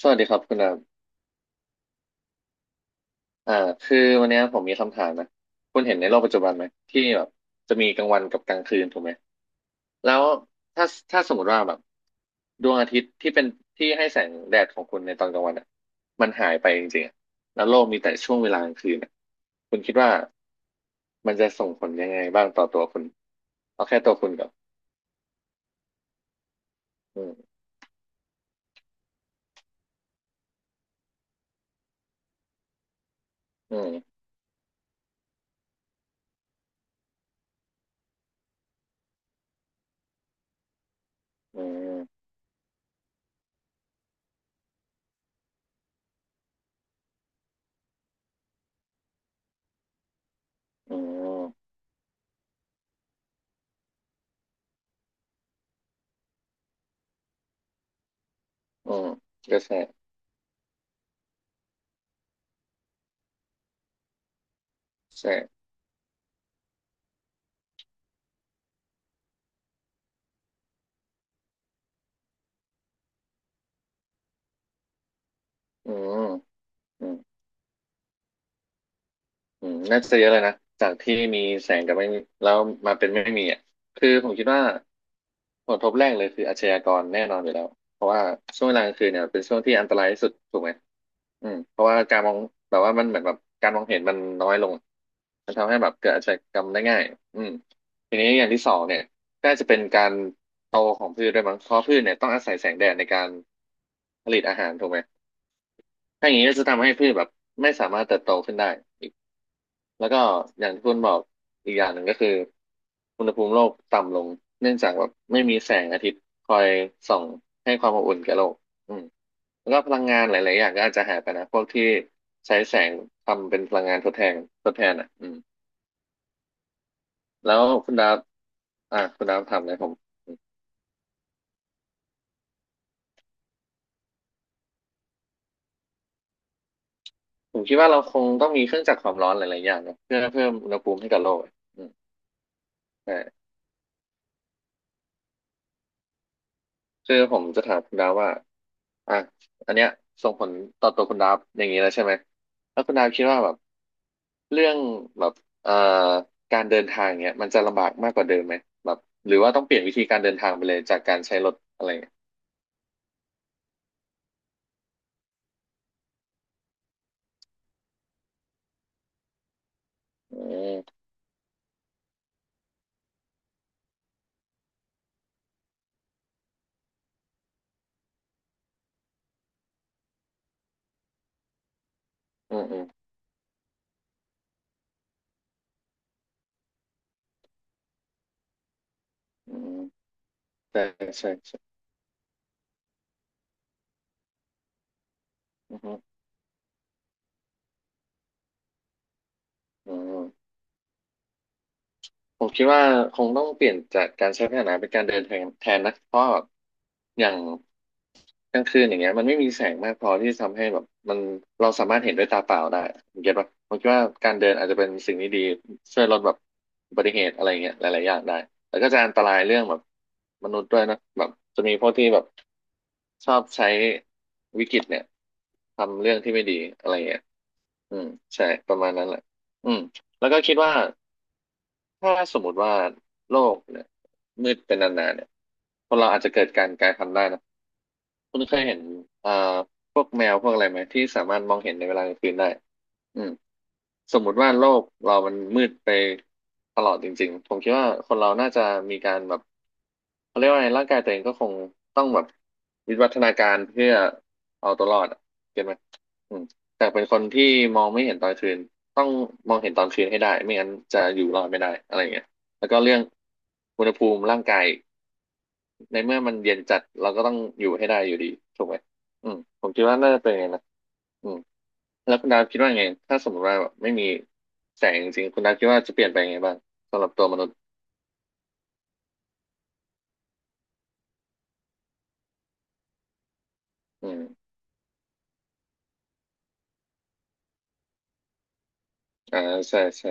สวัสดีครับคุณดามอ่าคือวันเนี้ยผมมีคำถามนะ คุณเห็นในโลกปัจจุบันไหมที่แบบจะมีกลางวันกับกลางคืนถูกไหม แล้วถ้าถ้าสมมติว่าแบบดวงอาทิตย์ที่เป็นที่ให้แสงแดดของคุณในตอนกลางวันอ่ะมันหายไปจริงๆอะแล้วโลกมีแต่ช่วงเวลากลางคืนอะคุณคิดว่ามันจะส่งผลยังไงบ้างต่อตัวคุณเอาแค่ตัวคุณก่อนอืมอืมอืมอืมอืมก็ใช่ใช่อืม อืมน่าจะเยอะเลยนะจากที่มีแสงกับไม่มีแล้วมาเป็นไม่มีอ่ะคือผมคิดว่าผลกระทบแรกเลยคืออาชญากรแน่นอนอยู่แล้วเพราะว่าช่วงเวลากลางคืนเนี่ยเป็นช่วงที่อันตรายที่สุดถูกไหมอืมเพราะว่าการมองแบบว่ามันเหมือนแบบการมองเห็นมันน้อยลงมันทำให้แบบเกิดอาชญากรรมได้ง่ายอืมทีนี้อย่างที่สองเนี่ยก็อาจจะเป็นการโตของพืชด้วยมั้งเพราะพืชเนี่ยต้องอาศัยแสงแดดในการผลิตอาหารถูกไหมถ้าอย่างนี้ก็จะทำให้พืชแบบไม่สามารถเติบโตขึ้นได้ แล้วก็อย่างที่คุณบอกอีกอย่างหนึ่งก็คืออุณหภูมิโลกต่ำลงเนื่องจากว่าไม่มีแสงอาทิตย์คอยส่องให้ความอบอุ่นแก่โลกอืมแล้วก็พลังงานหลายๆอย่างก็อาจจะหายไปนะพวกที่ใช้แสงทำเป็นพลังงานทดแทนอ่ะอืมแล้วคุณดาวอ่ะคุณดาวถามเลยผมมผมคิดว่าเราคงต้องมีเครื่องจักรความร้อนหลายๆอย่างนะเพื่อเพิ่มอุณหภูมิให้กับโลกอะอืมใช่ คือผมจะถามคุณดาวว่าอ่ะอันเนี้ยส่งผลต่อตัวคุณดาวอย่างนี้แล้วใช่ไหมแล้วคุณดาวคิดว่าแบบเรื่องแบบเอ่อการเดินทางเนี้ยมันจะลำบากมากกว่าเดิมไหมแบบหรือว่าต้องเปลี่ยนวิธีการเดินทางไปเลยจากการใช้รถอะไรเงี้ยอืมอืมอืมอืมใช่ใช่ใช่อืมอฮึอืมผมคิดว่าคงต้องเปลี่ยนจากการใช้พาหนะเป็นการเดินทางแทนนะเพราะแบบอย่าง กลางคืนอย่างเงี้ยมันไม่มีแสงมากพอที่ทำให้แบบมันเราสามารถเห็นด้วยตาเปล่าได้ผมคิดว่าการเดินอาจจะเป็นสิ่งที่ดีช่วยลดแบบอุบัติเหตุอะไรเงี้ยหลายๆอย่างได้แต่ก็จะอันตรายเรื่องแบบมนุษย์ด้วยนะแบบจะมีพวกที่แบบชอบใช้วิกฤตเนี่ยทำเรื่องที่ไม่ดีอะไรเงี้ยอืมใช่ประมาณนั้นแหละอืมแล้วก็คิดว่าถ้าสมมติว่าโลกเนี่ยมืดเป็นนานๆเนี่ยคนเราอาจจะเกิดการกลายพันธุ์ได้นะ คุณเคยเห็นเอ่อพวกแมวพวกอะไรไหมที่สามารถมองเห็นในเวลากลางคืนได้อืมสมมุติว่าโลกเรามันมืดไปตลอดจริงๆผมคิดว่าคนเราน่าจะมีการแบบเขาเรียกว่าไงร่างกายตัวเองก็คงต้องแบบวิวัฒนาการเพื่อเอาตัวรอดอะเก็ตไหมอืมแต่เป็นคนที่มองไม่เห็นตอนคืนต้องมองเห็นตอนคืนให้ได้ไม่งั้นจะอยู่รอดไม่ได้อะไรเงี้ยแล้วก็เรื่องอุณหภูมิร่างกาย ในเมื่อมันเย็นจัดเราก็ต้องอยู่ให้ได้อยู่ดีถูกไหมอืมผมคิดว่าน่าจะเป็นอย่างนั้นนะอืมแล้วคุณดาวคิดว่าไงถ้าสมมติว่าแบบไม่มีแสงจริงๆคุณดาวคิดว่าจะเปลี่ยนไปยังไงบ้างสำหรับตัวมนุษย์อืมอ่าใช่ใช่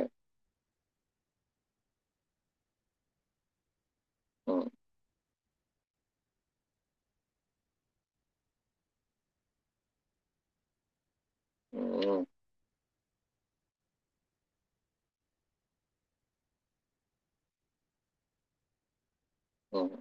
อืมอืมอืม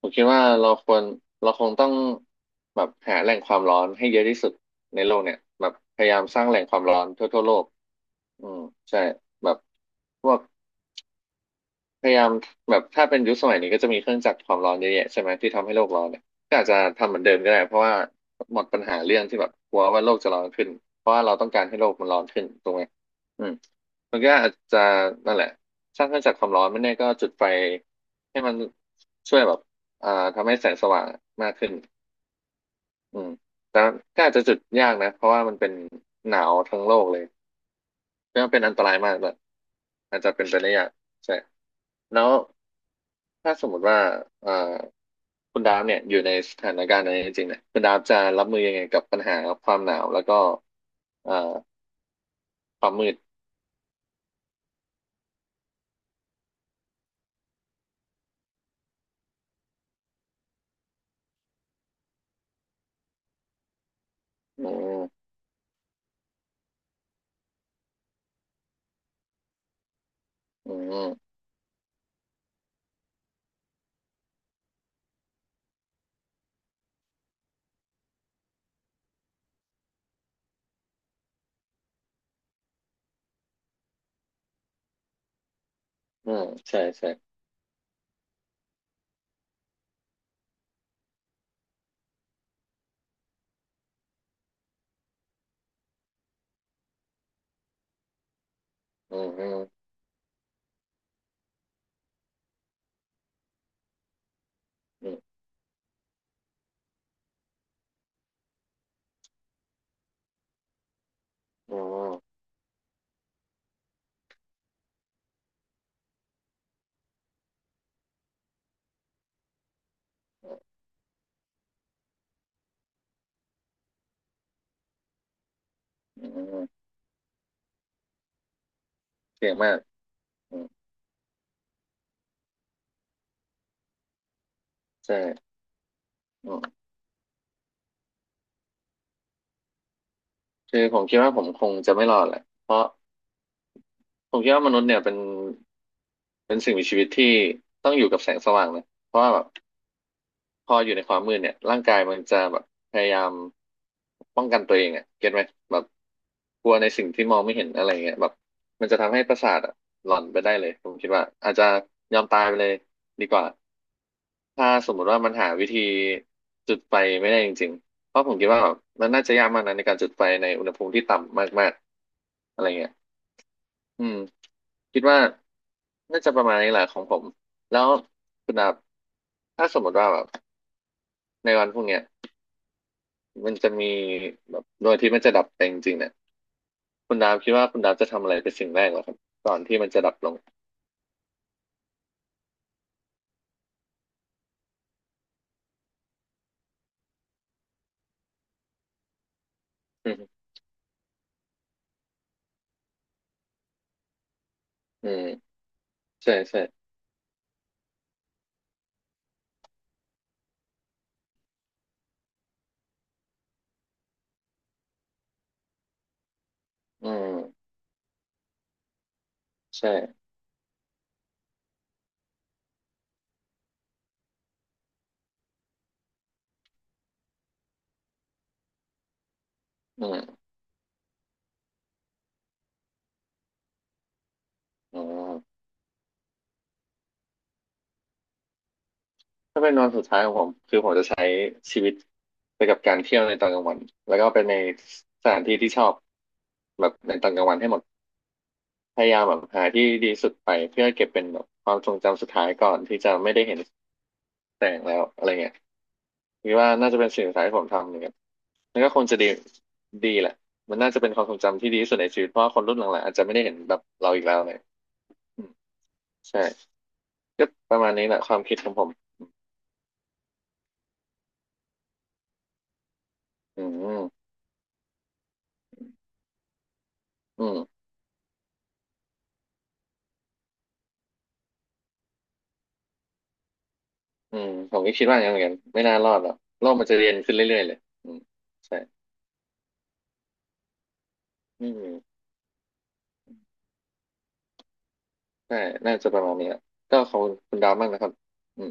ผมคิดว่าเราควรเราคงต้องแบบหาแหล่งความร้อนให้เยอะที่สุดในโลกเนี่ยแบบพยายามสร้างแหล่งความร้อนทั่วโลกอืมใช่แบบพวก พยายามแบบถ้าเป็นยุคสมัยนี้ก็จะมีเครื่องจักรความร้อนเยอะแยะใช่ไหมที่ทำให้โลกร้อนเนี่ยก็อาจจะทำเหมือนเดิมก็ได้เพราะว่าหมดปัญหาเรื่องที่แบบกลัวว่าโลกจะร้อนขึ้นเพราะว่าเราต้องการให้โลกมันร้อนขึ้นถูกไหมอืมมันก็อาจจะนั่นแหละสร้างเครื่องจักรความร้อนไม่แน่ก็จุดไฟให้มันช่วยแบบอ่าทำให้แสงสว่างมากขึ้นอืมแต่ก็อาจจะจุดยากนะเพราะว่ามันเป็นหนาวทั้งโลกเลย ก็เป็นอันตรายมากแบบอาจจะเป็นไปได้ยากใช่แล้วถ้าสมมติว่าเอ่อคุณดาฟเนี่ยอยู่ในสถานการณ์นั้นจริงๆเนี่ยคุณดาฟจะรับมือยังไงกับปัญหาความหนาวแล้วก็เอ่อความมืดอืมอืมอืมใช่ใช่อืมอืมอืมอืมอืมเสี่ยงมากอืมใช่อืมคือผมคิดว่าผมคงจะไม่รอดแหละเพราะผมคิดว่ามนุษย์เนี่ยเป็นสิ่งมีชีวิตที่ต้องอยู่กับแสงสว่างนะเพราะว่าแบบ พออยู่ในความมืดเนี่ยร่างกายมันจะแบบพยายามป้องกันตัวเองอ่ะเก็ตไหมแบบกลัวในสิ่งที่มองไม่เห็นอะไรเงี้ยแบบมันจะทำให้ประสาทอะหลอนไปได้เลยผมคิดว่าอาจจะยอมตายไปเลยดีกว่าถ้าสมมุติว่ามันหาวิธีจุดไฟไม่ได้จริงๆเพราะผมคิดว่าแบบมันน่าจะยากมากนะในการจุดไฟในอุณหภูมิที่ต่ำมากๆอะไรเงี้ยอืมคิดว่าน่าจะประมาณนี้แหละของผมแล้วคุณดับถ้าสมมติว่าแบบในวันพรุ่งเนี้ย มันจะมีแบบดวงอาทิตย์มันจะดับไปจริงๆเนี่ยคุณดาวคิดว่าคุณดาวจะทำอะไรเป็นสิ่งแรกเหรอครับก่อนที่มันจะดับลงอืมอืมใช่ใช่อืมใช่อืมอ๋อถ้าเป็นวันสุดท้ายของผมคือผมจะใช้ชีวิตไปกับการเที่ยวในตอนกลางวันแล้วก็ไปในสถานที่ที่ชอบแบบในตอนกลางวันให้หมดพยายามแบบหาที่ดีสุดไปเพื่อเก็บเป็นแบบความทรงจำสุดท้ายก่อนที่จะไม่ได้เห็นแสงแล้วอะไรเงี้ยคิดว่าน่าจะเป็นสิ่งสุดท้ายที่ผมทำเนี่ย มันก็คงจะดีแหละมันน่าจะเป็นความทรงจำที่ดีที่สุดในชีวิตเพราะว่าคนรุ่นหลังๆอาจจะไม่ได้เห็นแบบเราอีกแล้วเลยอืมใช่ก็ประมาณนี้แหละความคิดของผมอืมอืมอืมผมก็คิดว่าอย่างนั้นเหมือนกันไม่น่ารอดหรอกโลกมันจะเรียนขึ้นเรื่อยๆเลยอืมใช่อืมใช่น่าจะประมาณนี้แหละก็ขอบคุณคุณดาวมากนะครับอืม